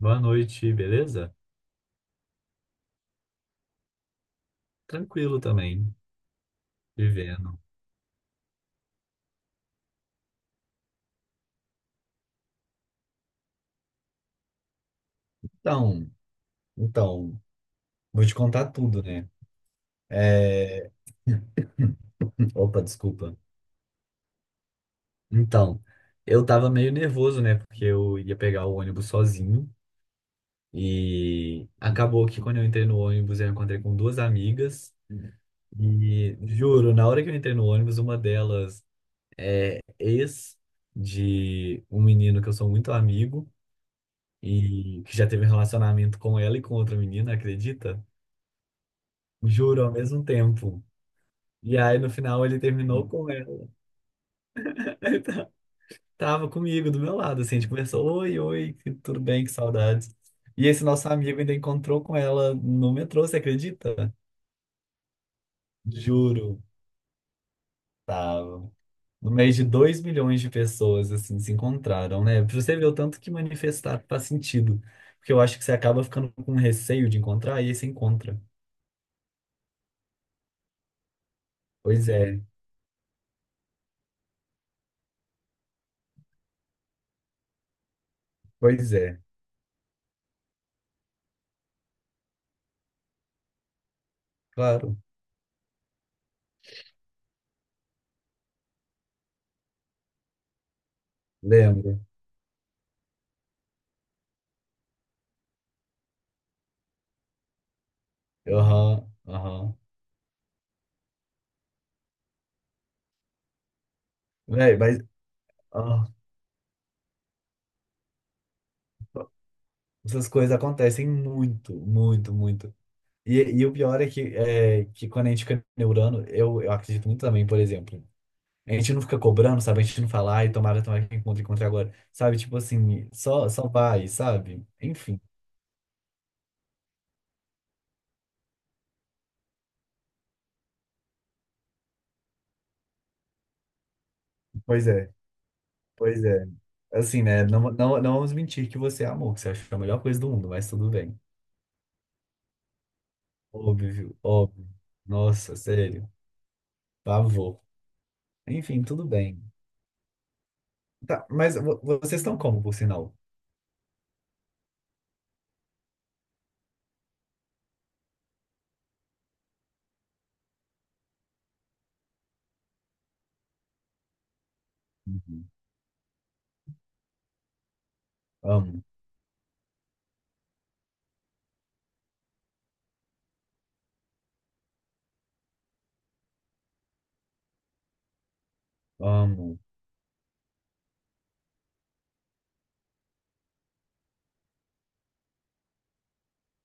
Boa noite, beleza? Tranquilo também, vivendo. Então, então, vou te contar tudo, né? É... Opa, desculpa. Então, eu tava meio nervoso, né? Porque eu ia pegar o ônibus sozinho e acabou que quando eu entrei no ônibus eu encontrei com duas amigas e juro, na hora que eu entrei no ônibus, uma delas é ex de um menino que eu sou muito amigo e que já teve um relacionamento com ela e com outra menina, acredita? Juro, ao mesmo tempo. E aí, no final, ele terminou com ela. Ele tá- Tava comigo, do meu lado, assim, a gente conversou, oi, oi, tudo bem, que saudades. E esse nosso amigo ainda encontrou com ela no metrô, você acredita? Juro, tava. No mês de 2 milhões de pessoas, assim, se encontraram, né? Pra você ver o tanto que manifestar faz sentido. Porque eu acho que você acaba ficando com receio de encontrar, e aí você encontra. Pois é, pois é, claro, lembro. Aham, aham. Véi, mas... Essas coisas acontecem muito, muito, muito. E o pior é que quando a gente fica neurando, eu acredito muito também, por exemplo. A gente não fica cobrando, sabe? A gente não fala, ai, tomara, tomara que encontre, encontre agora. Sabe? Tipo assim, só vai, sabe? Enfim. Pois é, pois é. Assim, né? Não vamos mentir que você amou, que você achou a melhor coisa do mundo, mas tudo bem. Óbvio, óbvio. Nossa, sério. Pavor. Enfim, tudo bem. Tá, mas vocês estão como, por sinal? Uhum. Amo, amo.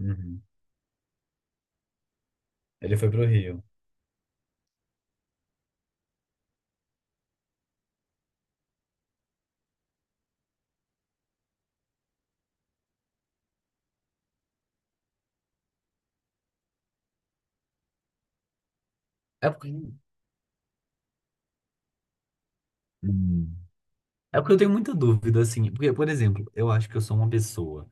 Uhum. Ele foi pro Rio. É porque, Hum, é porque eu tenho muita dúvida, assim. Porque, por exemplo, eu acho que eu sou uma pessoa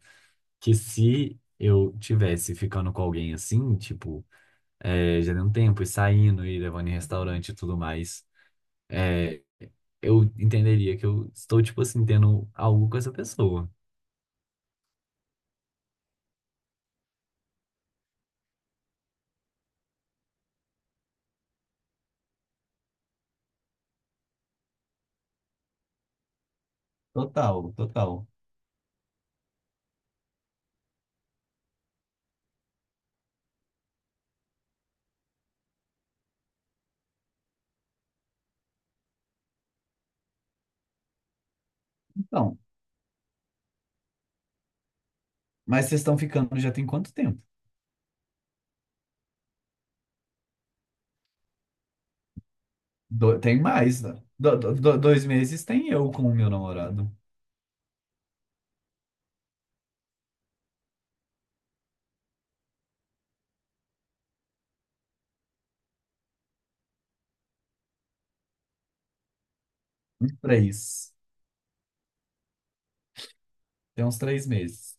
que se eu tivesse ficando com alguém assim, tipo, é, já deu um tempo e saindo e levando em restaurante e tudo mais, é, eu entenderia que eu estou, tipo assim, tendo algo com essa pessoa. Total, total. Então, mas vocês estão ficando já tem quanto tempo? Tem mais, né? Dois meses tem eu com o meu namorado. Uns três. Tem uns três meses.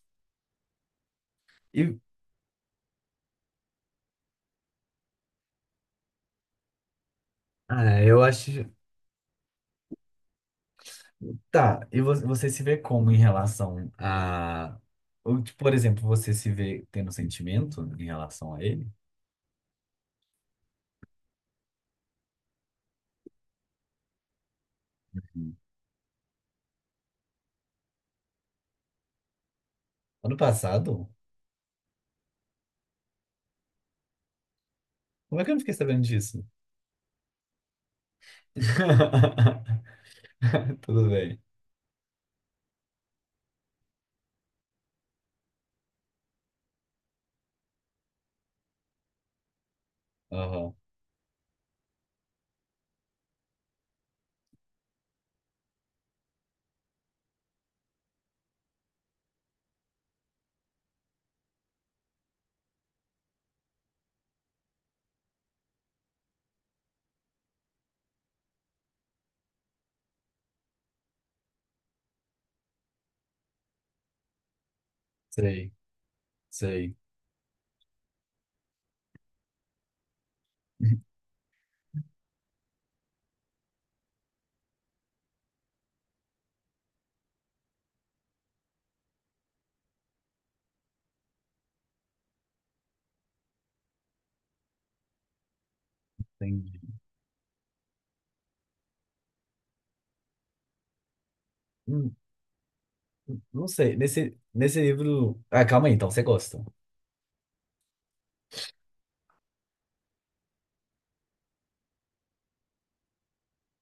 E, ah, eu acho. Tá, e você se vê como em relação a. Ou, tipo, por exemplo, você se vê tendo sentimento em relação a ele? Uhum. Ano passado? Como é que eu não fiquei sabendo disso? Tudo bem. Aham. Sei, sei. Entendi. Hum, Não sei. Nesse livro. Ah, calma aí, então, você gosta.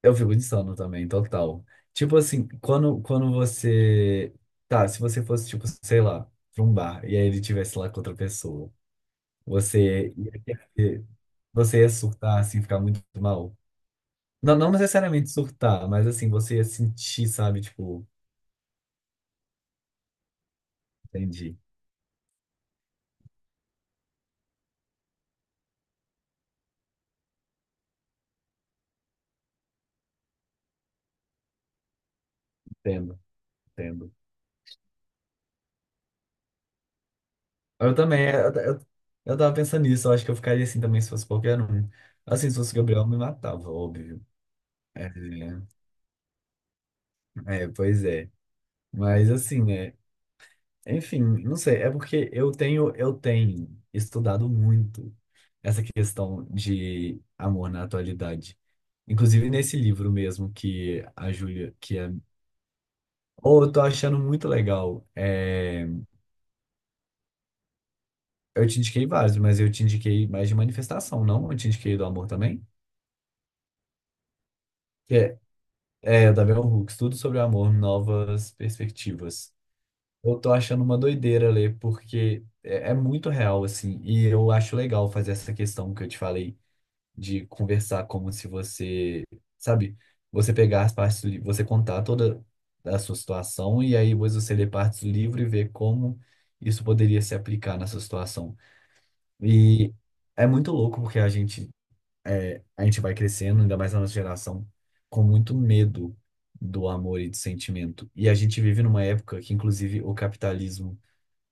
Eu fico de sono também, total. Tipo assim, quando você. Tá, se você fosse, tipo, sei lá, pra um bar, e aí ele tivesse lá com outra pessoa, você ia, você ia surtar, assim, ficar muito mal. Não, não necessariamente surtar, mas assim, você ia sentir, sabe, tipo, entendi, entendo, entendo. Eu também, eu tava pensando nisso, eu acho que eu ficaria assim também se fosse qualquer um. Assim, se fosse o Gabriel, eu me matava, óbvio. É, é, pois é. Mas assim, né? Enfim, não sei, é porque eu tenho estudado muito essa questão de amor na atualidade. Inclusive nesse livro mesmo que a Júlia, que é. Oh, eu tô achando muito legal. É, eu te indiquei vários, mas eu te indiquei mais de manifestação, não? Eu te indiquei do amor também. Que é, é da Bell Hooks, Tudo sobre o Amor, Novas Perspectivas. Eu tô achando uma doideira ler, porque é muito real, assim, e eu acho legal fazer essa questão que eu te falei de conversar como se você, sabe, você pegar as partes do livro, você contar toda a sua situação e aí depois você ler partes do livro e ver como isso poderia se aplicar na sua situação. E é muito louco porque a gente vai crescendo, ainda mais na nossa geração, com muito medo do amor e do sentimento. E a gente vive numa época que, inclusive, o capitalismo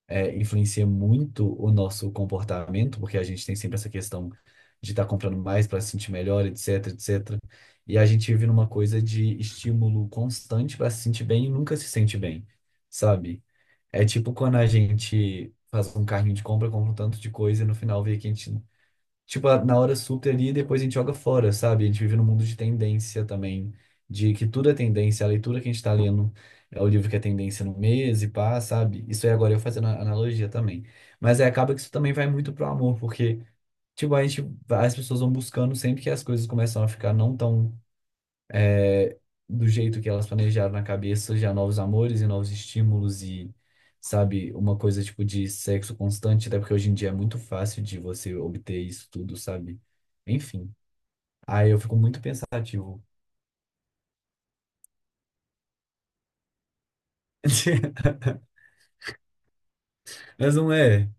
é, influencia muito o nosso comportamento, porque a gente tem sempre essa questão de estar comprando mais para se sentir melhor, etc, etc. E a gente vive numa coisa de estímulo constante para se sentir bem e nunca se sente bem, sabe? É tipo quando a gente faz um carrinho de compra, compra um tanto de coisa e no final vê que a gente tipo, na hora super ali, depois a gente joga fora, sabe? A gente vive num mundo de tendência também, de que tudo é tendência, a leitura que a gente tá lendo é o livro que é tendência no mês e pá, sabe? Isso aí agora eu fazendo a analogia também. Mas aí acaba que isso também vai muito pro amor, porque, tipo, a gente, as pessoas vão buscando sempre que as coisas começam a ficar não tão é, do jeito que elas planejaram na cabeça, já novos amores e novos estímulos e, sabe, uma coisa tipo de sexo constante, até porque hoje em dia é muito fácil de você obter isso tudo, sabe? Enfim. Aí eu fico muito pensativo. Mas não é.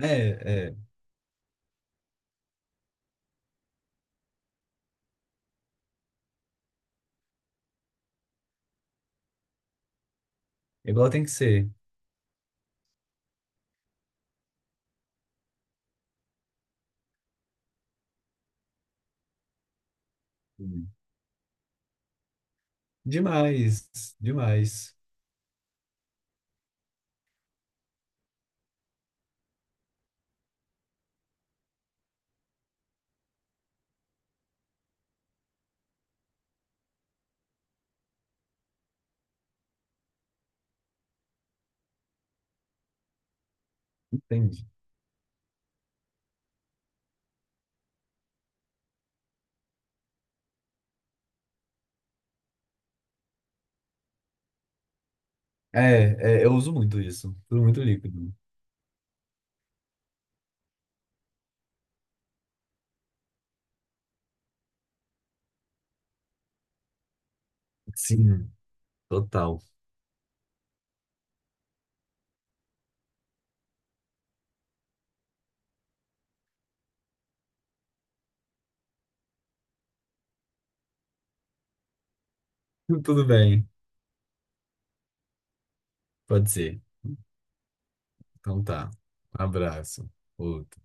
É, é. Igual tem que ser. Demais, demais. Entendi. É, é, eu uso muito isso. Tudo muito líquido. Sim, total. Tudo bem. Pode ser. Então tá. Um abraço. Outro.